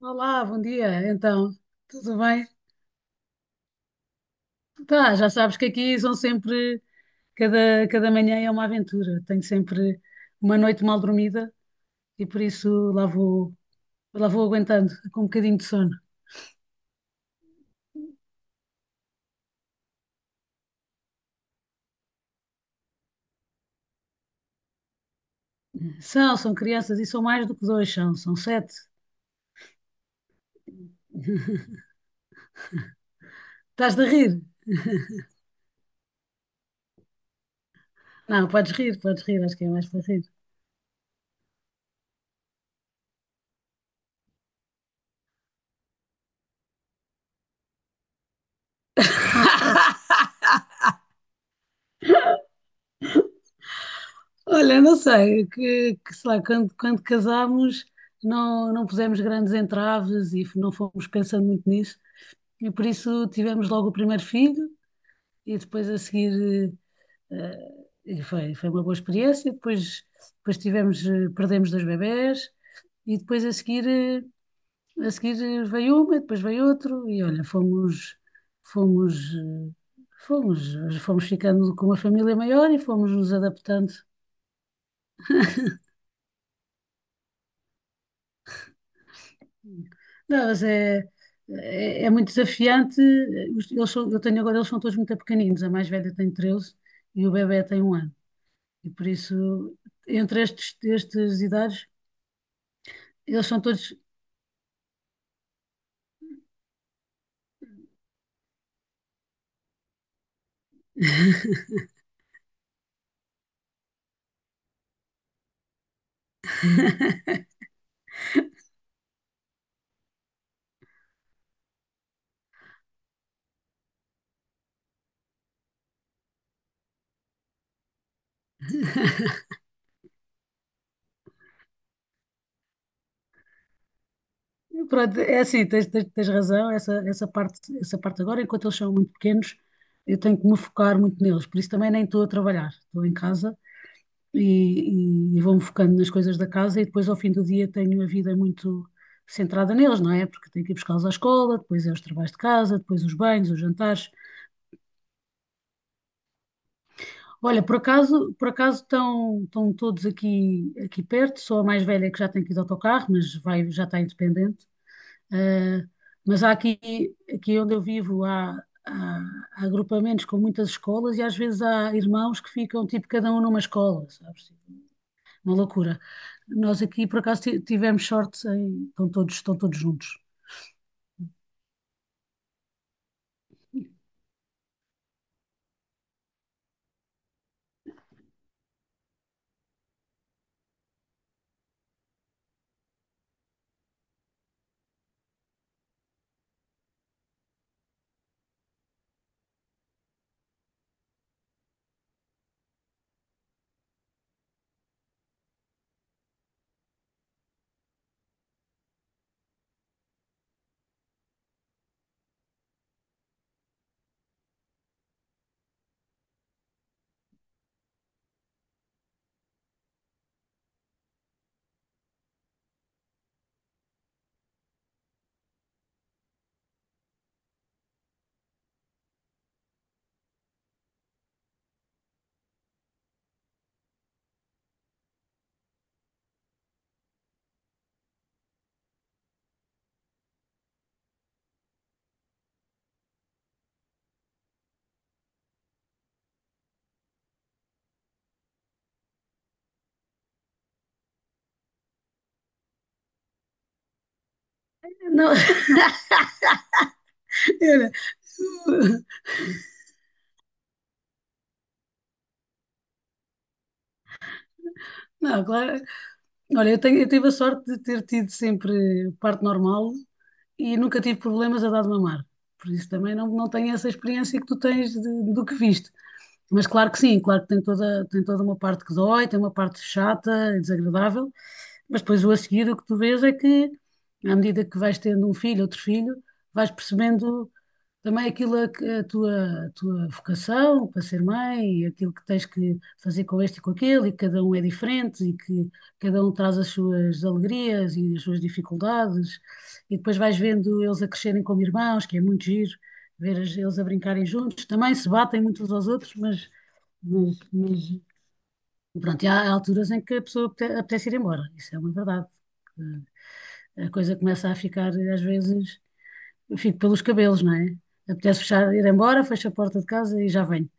Olá, bom dia. Tudo bem? Tá, já sabes que aqui são sempre, cada manhã é uma aventura. Tenho sempre uma noite mal dormida e por isso lá vou aguentando com um bocadinho de sono. São crianças e são mais do que dois, são sete. Estás de rir? Não, podes rir, acho que é mais para rir. Olha, não sei, que sei lá, quando casámos não pusemos grandes entraves e não fomos pensando muito nisso, e por isso tivemos logo o primeiro filho, e depois a seguir e foi uma boa experiência. Depois tivemos, perdemos dois bebés e depois a seguir, a seguir veio uma, e depois veio outro e olha, fomos, eh, fomos, fomos ficando com uma família maior e fomos nos adaptando. Não, é muito desafiante. Eles são, eu tenho agora, eles são todos muito pequeninos. A mais velha tem 13 e o bebé tem um ano. E por isso, entre estes, estas idades, eles são todos. Pronto, é assim, tens razão, essa parte, essa parte agora, enquanto eles são muito pequenos, eu tenho que me focar muito neles, por isso também nem estou a trabalhar, estou em casa vou-me focando nas coisas da casa e depois ao fim do dia tenho a vida muito centrada neles, não é? Porque tenho que ir buscá-los à escola, depois é os trabalhos de casa, depois os banhos, os jantares. Olha, por acaso estão, estão todos aqui, aqui perto, sou a mais velha que já tem que ir de autocarro, mas vai, já está independente. Eh, mas há aqui onde eu vivo há- há agrupamentos com muitas escolas e às vezes há irmãos que ficam tipo cada um numa escola, sabes? Uma loucura. Nós aqui por acaso tivemos sorte em, estão todos juntos. Não, Era- não, claro. Olha, eu tenho, eu tive a sorte de ter tido sempre parto normal e nunca tive problemas a dar de mamar. Por isso também não tenho essa experiência que tu tens do que viste. Mas claro que sim, claro que tem toda uma parte que dói, tem uma parte chata e desagradável, mas depois o a seguir o que tu vês é que, à medida que vais tendo um filho, outro filho, vais percebendo também a tua vocação para ser mãe, e aquilo que tens que fazer com este e com aquele, e que cada um é diferente, e que cada um traz as suas alegrias e as suas dificuldades, e depois vais vendo eles a crescerem como irmãos, que é muito giro ver eles a brincarem juntos. Também se batem muitos aos outros, mas pronto, e há alturas em que a pessoa apetece ir embora, isso é uma verdade. A coisa começa a ficar, às vezes, eu fico pelos cabelos, não é? Apetece fechar, ir embora, fecho a porta de casa e já venho.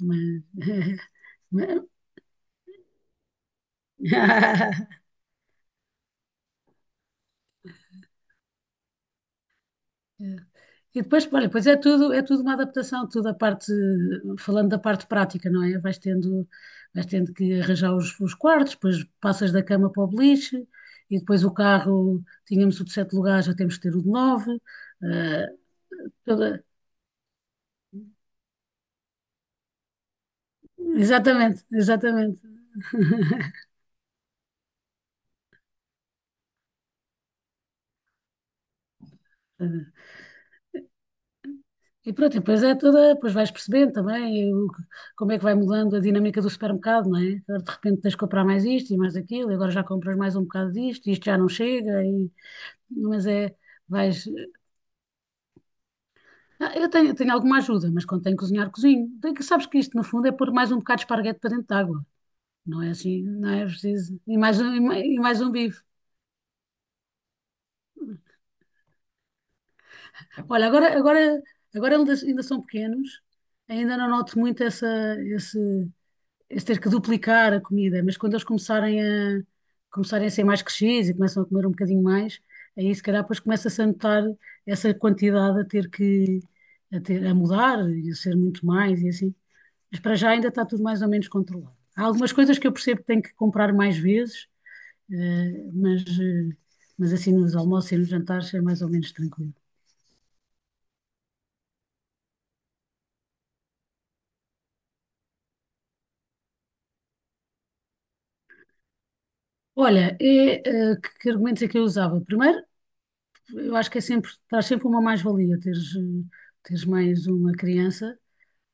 Mas- mas- E depois, olha, pois é tudo uma adaptação, tudo a parte, falando da parte prática, não é? Vais tendo que arranjar os quartos, depois passas da cama para o beliche, e depois o carro, tínhamos o de sete lugares, já temos que ter o de nove. eh, toda- exatamente, exatamente. E pronto, e depois é toda, depois vais percebendo também como é que vai mudando a dinâmica do supermercado, não é? Agora de repente tens que comprar mais isto e mais aquilo, e agora já compras mais um bocado disto, e isto já não chega, mas é, vais... Ah, tenho alguma ajuda, mas quando tenho que cozinhar, cozinho. Sabes que isto, no fundo, é pôr mais um bocado de esparguete para dentro de água. Não é assim, não é preciso. E mais um, e mais um bife. Olha, agora eles ainda são pequenos, ainda não noto muito esse, esse ter que duplicar a comida, mas quando eles começarem a ser mais crescidos e começam a comer um bocadinho mais, aí se calhar depois começa-se a notar essa quantidade a ter, a mudar e a ser muito mais e assim. Mas para já ainda está tudo mais ou menos controlado. Há algumas coisas que eu percebo que tenho que comprar mais vezes, eh, mas, eh, mas assim nos almoços e nos jantares é mais ou menos tranquilo. Olha, que argumentos é que eu usava? Primeiro, eu acho que é sempre, traz sempre uma mais-valia teres, teres mais uma criança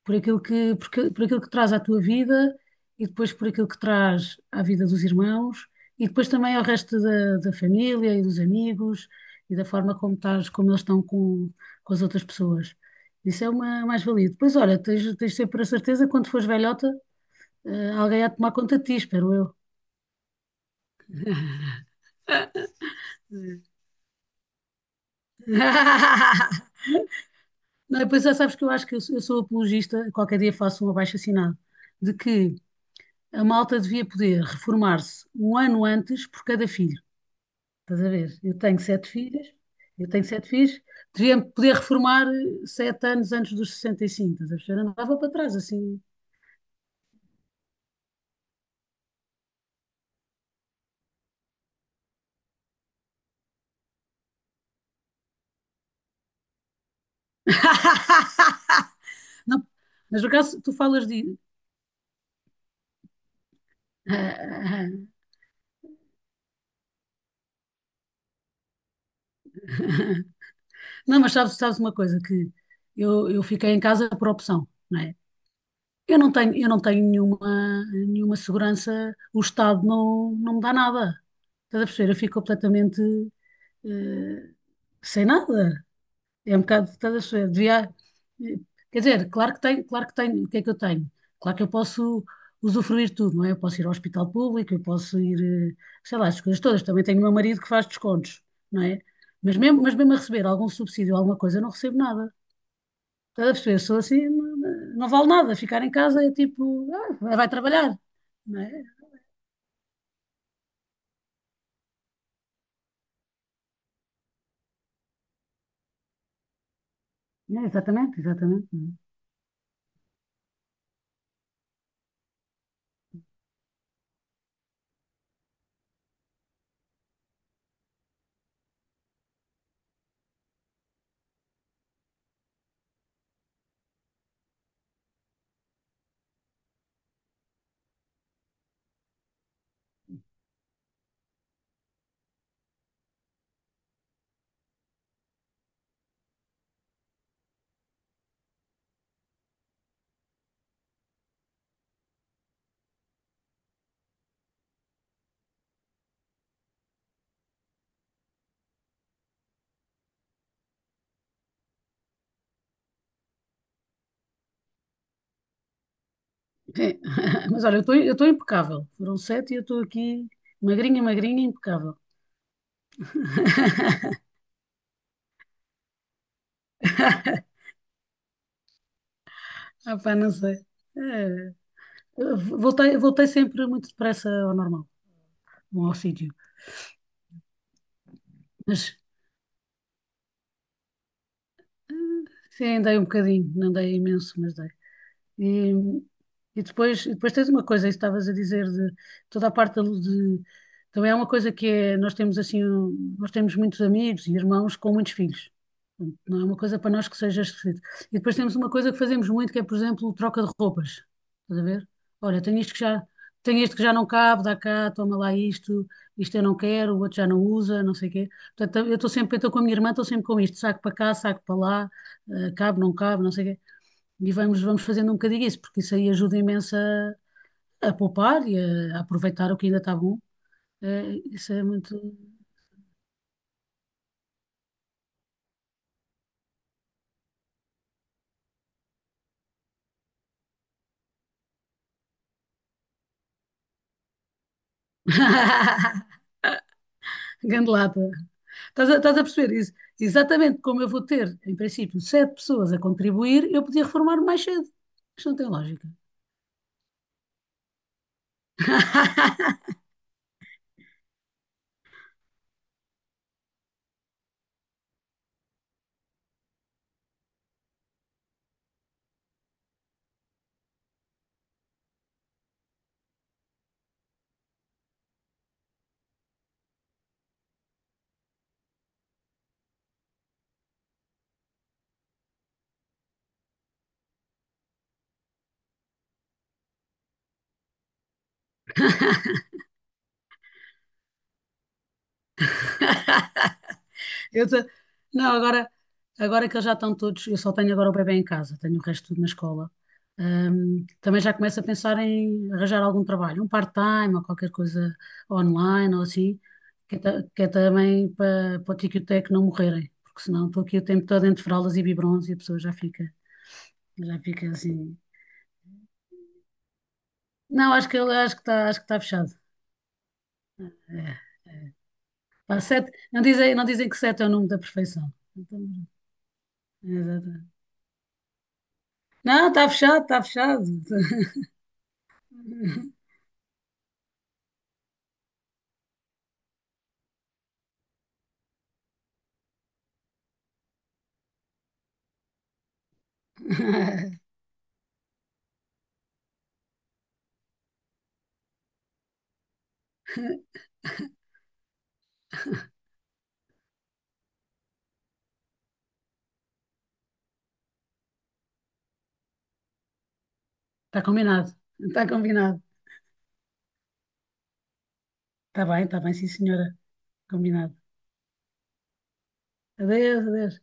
por aquilo que, por aquilo que traz à tua vida e depois por aquilo que traz à vida dos irmãos e depois também ao resto da família e dos amigos e da forma como estás, como eles estão com as outras pessoas. Isso é uma mais-valia. Depois, olha, tens sempre a certeza que quando fores velhota, alguém há de tomar conta de ti, espero eu. Não, e depois já sabes que eu acho que eu sou apologista, qualquer dia faço um abaixo-assinado, de que a malta devia poder reformar-se um ano antes por cada filho. Estás a ver? Eu tenho sete filhos, eu tenho sete filhos, devia poder reformar sete anos antes dos 65, estás a ver? Eu andava para trás assim. Não, mas no caso, tu falas de. Ah, ah, ah. Não, mas sabes, sabes uma coisa, que eu fiquei em casa por opção, não é? Eu não tenho nenhuma segurança, o Estado não me dá nada. Estás a perceber? Eu fico completamente eh, sem nada. É um bocado, estás a chover. Devia, quer dizer, claro que tenho, o que é que eu tenho? Claro que eu posso usufruir de tudo, não é? Eu posso ir ao hospital público, eu posso ir, eh, sei lá, as coisas todas. Também tenho o meu marido que faz descontos, não é? Mas mesmo a receber algum subsídio, alguma coisa, eu não recebo nada. Estás a perceber? Sou assim, não vale nada. Ficar em casa é tipo, ah, vai trabalhar, não é? É, exatamente, exatamente. É. Mas olha, eu estou impecável. Foram sete e eu estou aqui magrinha, impecável. Ah, pá, não sei. Eh, voltei sempre muito depressa ao normal, ao sítio. Mas eh, sim, andei um bocadinho, não andei imenso, mas dei. E, e depois tens uma coisa, isso estavas a dizer, de toda a parte de- Também é uma coisa que é, nós temos muitos amigos e irmãos com muitos filhos. Portanto, não é uma coisa para nós que seja esquisito. E depois temos uma coisa que fazemos muito, que é, por exemplo, troca de roupas. Estás a ver? Olha, tenho este que já não cabe, dá cá, toma lá isto, isto eu não quero, o outro já não usa, não sei o quê. Portanto, eu estou com a minha irmã, estou sempre com isto, saco para cá, saco para lá, cabe, não sei o quê. E vamos fazendo um bocadinho isso, porque isso aí ajuda imenso a poupar e a aproveitar o que ainda está bom. É, isso é muito. Gandelada. Estás a perceber isso? Exatamente como eu vou ter, em princípio, sete pessoas a contribuir, eu podia reformar mais cedo. Isto não tem lógica. Eu te- Não, agora que eles já estão todos, eu só tenho agora o bebê em casa, tenho o resto tudo na escola. Também já começo a pensar em arranjar algum trabalho, um part-time ou qualquer coisa online ou assim, que é também para, para o tico-teco não morrerem, porque senão estou aqui o tempo todo entre fraldas e biberons e a pessoa já fica assim. Não, acho que está fechado. É, é. Pá, sete, não dizem que sete é o número da perfeição. Então, exato. Não, está fechado, está fechado. Está combinado. Está combinado. Está bem, sim, senhora. Combinado. Adeus, adeus.